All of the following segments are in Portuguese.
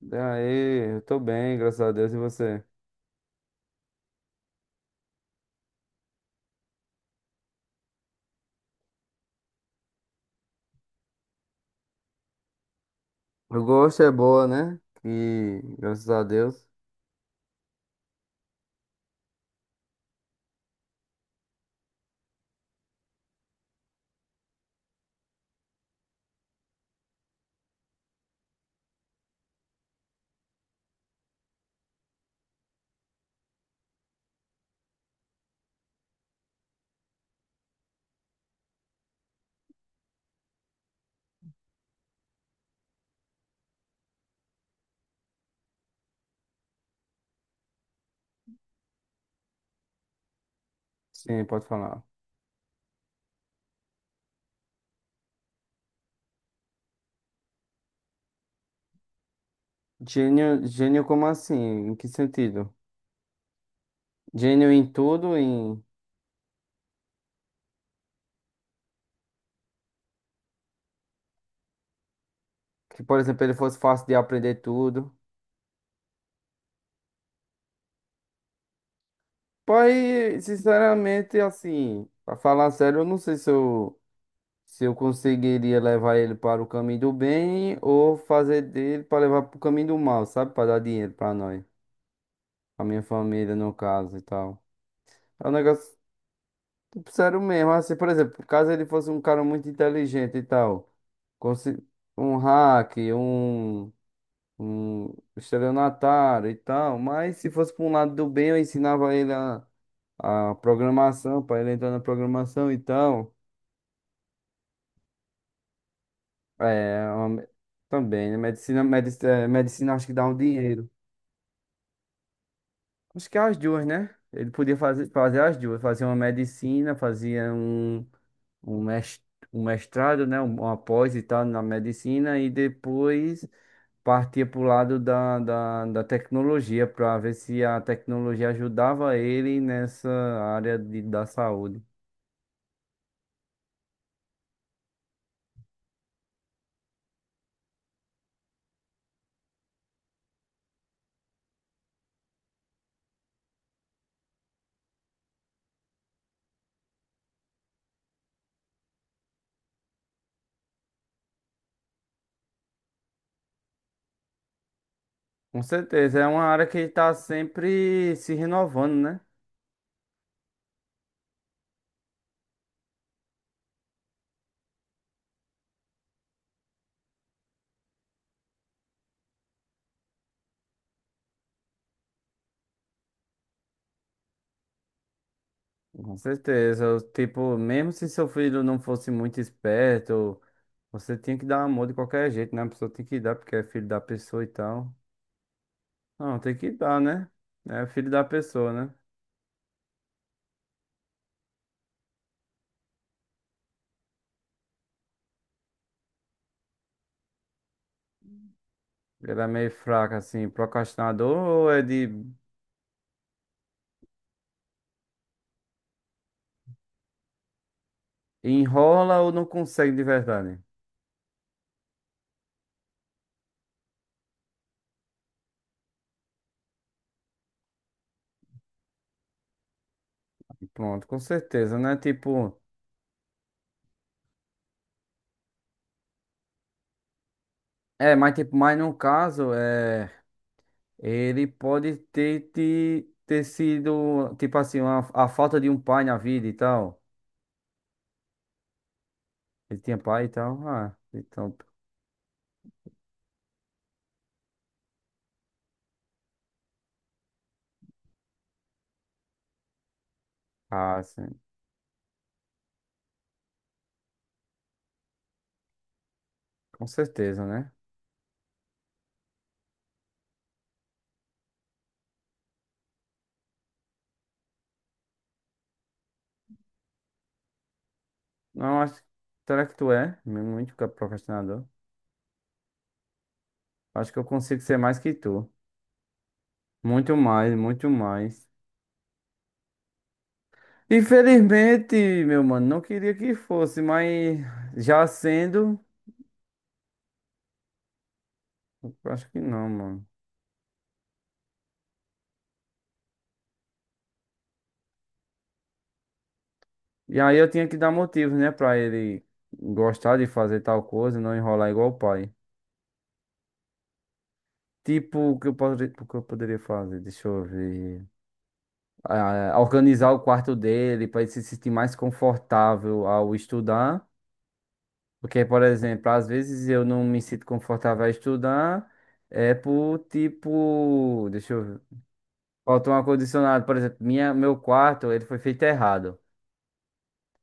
Daí, eu tô bem, graças a Deus, e você? Eu gosto, é boa, né? E graças a Deus. Sim, pode falar. Gênio, gênio como assim? Em que sentido? Gênio em tudo, em que, por exemplo, ele fosse fácil de aprender tudo. Pai, sinceramente, assim, pra falar sério, eu não sei se eu conseguiria levar ele para o caminho do bem ou fazer dele para levar para o caminho do mal, sabe? Para dar dinheiro para nós, a minha família, no caso e tal. É um negócio. Sério mesmo, assim, por exemplo, caso ele fosse um cara muito inteligente e tal, consi- um hack, um, um estelionatário e tal, mas se fosse para um lado do bem, eu ensinava ele a, programação, para ele entrar na programação e tal. É, também, né? Medicina acho que dá um dinheiro. Acho que é as duas, né? Ele podia fazer as duas, fazia uma medicina, fazia um mes- um mestrado, né, uma pós e tal na medicina e depois partia para o lado da tecnologia para ver se a tecnologia ajudava ele nessa área da saúde. Com certeza, é uma área que está sempre se renovando, né? Com certeza, eu, tipo, mesmo se seu filho não fosse muito esperto, você tinha que dar amor de qualquer jeito, né? A pessoa tem que dar porque é filho da pessoa e tal. Não, tem que dar, né? É filho da pessoa, né? Ele é meio fraco, assim, procrastinador, ou é de enrola ou não consegue de verdade. E pronto, com certeza, né? Tipo, é, mas tipo, mas no caso, é, ele pode ter, sido, tipo assim, a falta de um pai na vida e tal. Ele tinha pai e tal. Ah, então, ah, sim, com certeza, né? Não, acho, será que tu é muito procrastinador? Acho que eu consigo ser mais que tu. Muito mais, muito mais. Infelizmente, meu mano, não queria que fosse, mas já sendo, eu acho que não, mano. E aí eu tinha que dar motivos, né, pra ele gostar de fazer tal coisa e não enrolar igual o pai. Tipo, o que eu poderia fazer? Deixa eu ver. Ah, organizar o quarto dele pra ele se sentir mais confortável ao estudar. Porque, por exemplo, às vezes eu não me sinto confortável a estudar. É por tipo. Deixa eu ver. Falta um ar-condicionado, por exemplo, meu quarto, ele foi feito errado.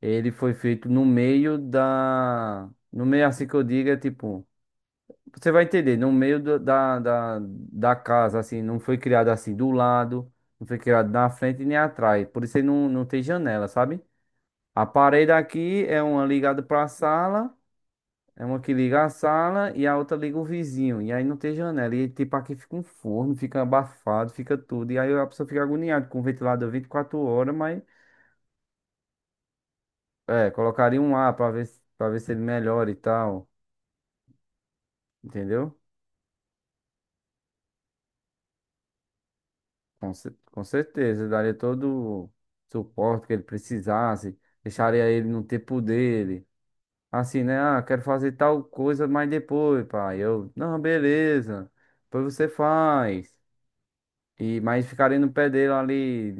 Ele foi feito no meio da. No meio, assim que eu diga, tipo. Você vai entender, no meio da casa, assim. Não foi criado assim do lado, não foi criado na frente nem atrás. Por isso ele não tem janela, sabe? A parede aqui é uma ligada pra sala, é uma que liga a sala e a outra liga o vizinho. E aí não tem janela. E tipo, aqui fica um forno, fica abafado, fica tudo. E aí a pessoa fica agoniada com o ventilador 24 horas, mas É, colocaria um A pra ver, pra ver se ele melhora e tal. Entendeu? Com certeza. Daria todo o suporte que ele precisasse. Deixaria ele no tempo dele. Assim, né? Ah, quero fazer tal coisa, mas depois, pai. Não, beleza. Depois você faz. Mas ficaria no pé dele ali.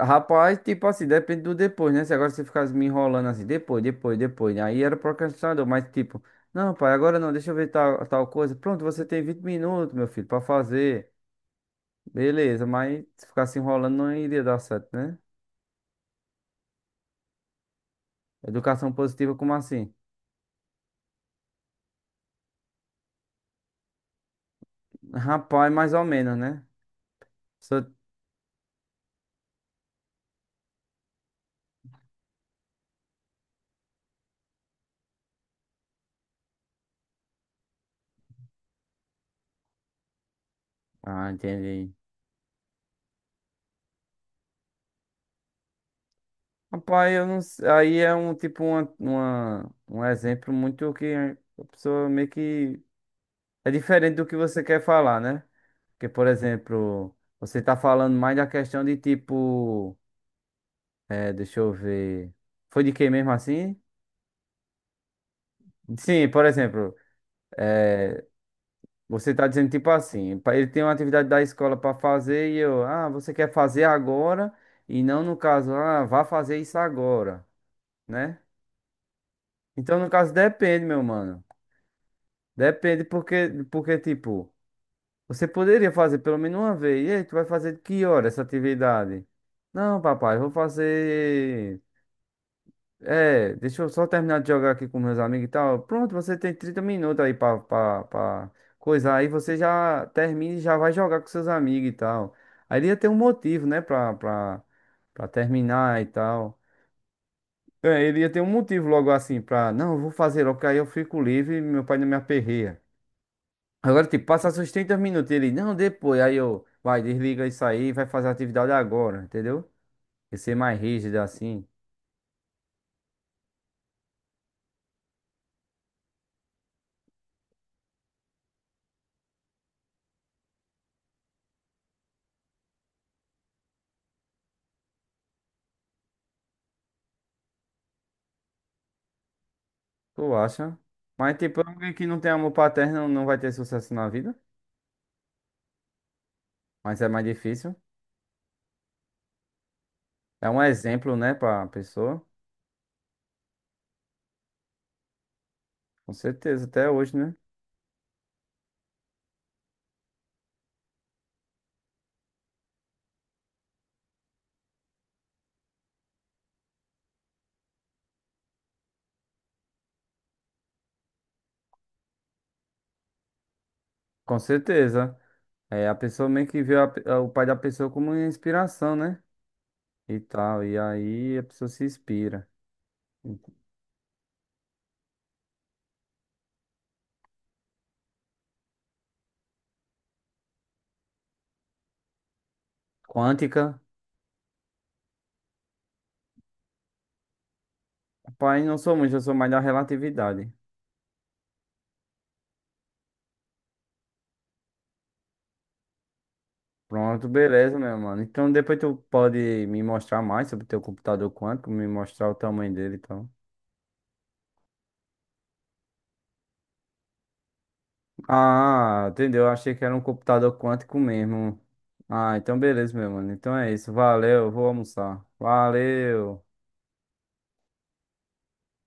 Rapaz, tipo assim, depende do depois, né? Se agora você ficasse me enrolando assim, depois, depois, depois, né? Aí era procrastinador, mas tipo, não, pai, agora não, deixa eu ver tal, tal coisa. Pronto, você tem 20 minutos, meu filho, pra fazer. Beleza, mas se ficasse enrolando não iria dar certo, né? Educação positiva, como assim? Rapaz, mais ou menos, né? Só- Ah, entendi. Rapaz, eu não sei. Aí é um tipo um exemplo muito que a pessoa meio que é diferente do que você quer falar, né? Porque, por exemplo, você tá falando mais da questão de tipo. É, deixa eu ver. Foi de quem mesmo assim? Sim, por exemplo, é, você tá dizendo tipo assim, ele tem uma atividade da escola para fazer e você quer fazer agora e não no caso, ah, vá fazer isso agora, né? Então, no caso, depende, meu mano. Depende porque tipo, você poderia fazer pelo menos uma vez. E aí, tu vai fazer de que hora essa atividade? Não, papai, eu vou fazer. É, deixa eu só terminar de jogar aqui com meus amigos e tal. Pronto, você tem 30 minutos aí pra coisar. Aí você já termina e já vai jogar com seus amigos e tal. Aí ele ia ter um motivo, né, pra, pra terminar e tal. É, ele ia ter um motivo logo assim pra, não, eu vou fazer logo, porque aí eu fico livre e meu pai não me aperreia. Agora, tipo, passa seus 30 minutos. E ele, não, depois. Aí vai, desliga isso aí, e vai fazer a atividade agora, entendeu? E ser mais rígido assim. Tu acha? Mas, tipo, alguém que não tem amor paterno não vai ter sucesso na vida. Mas é mais difícil. É um exemplo, né, pra pessoa. Com certeza, até hoje, né? Com certeza. É, a pessoa meio que vê o pai da pessoa como uma inspiração, né? E tal. E aí a pessoa se inspira. Quântica. Pai, não sou muito, eu sou mais da relatividade. Pronto, beleza, meu mano. Então depois tu pode me mostrar mais sobre teu computador quântico, me mostrar o tamanho dele, então. Ah, entendeu? Eu achei que era um computador quântico mesmo. Ah, então beleza, meu mano. Então é isso. Valeu, vou almoçar. Valeu.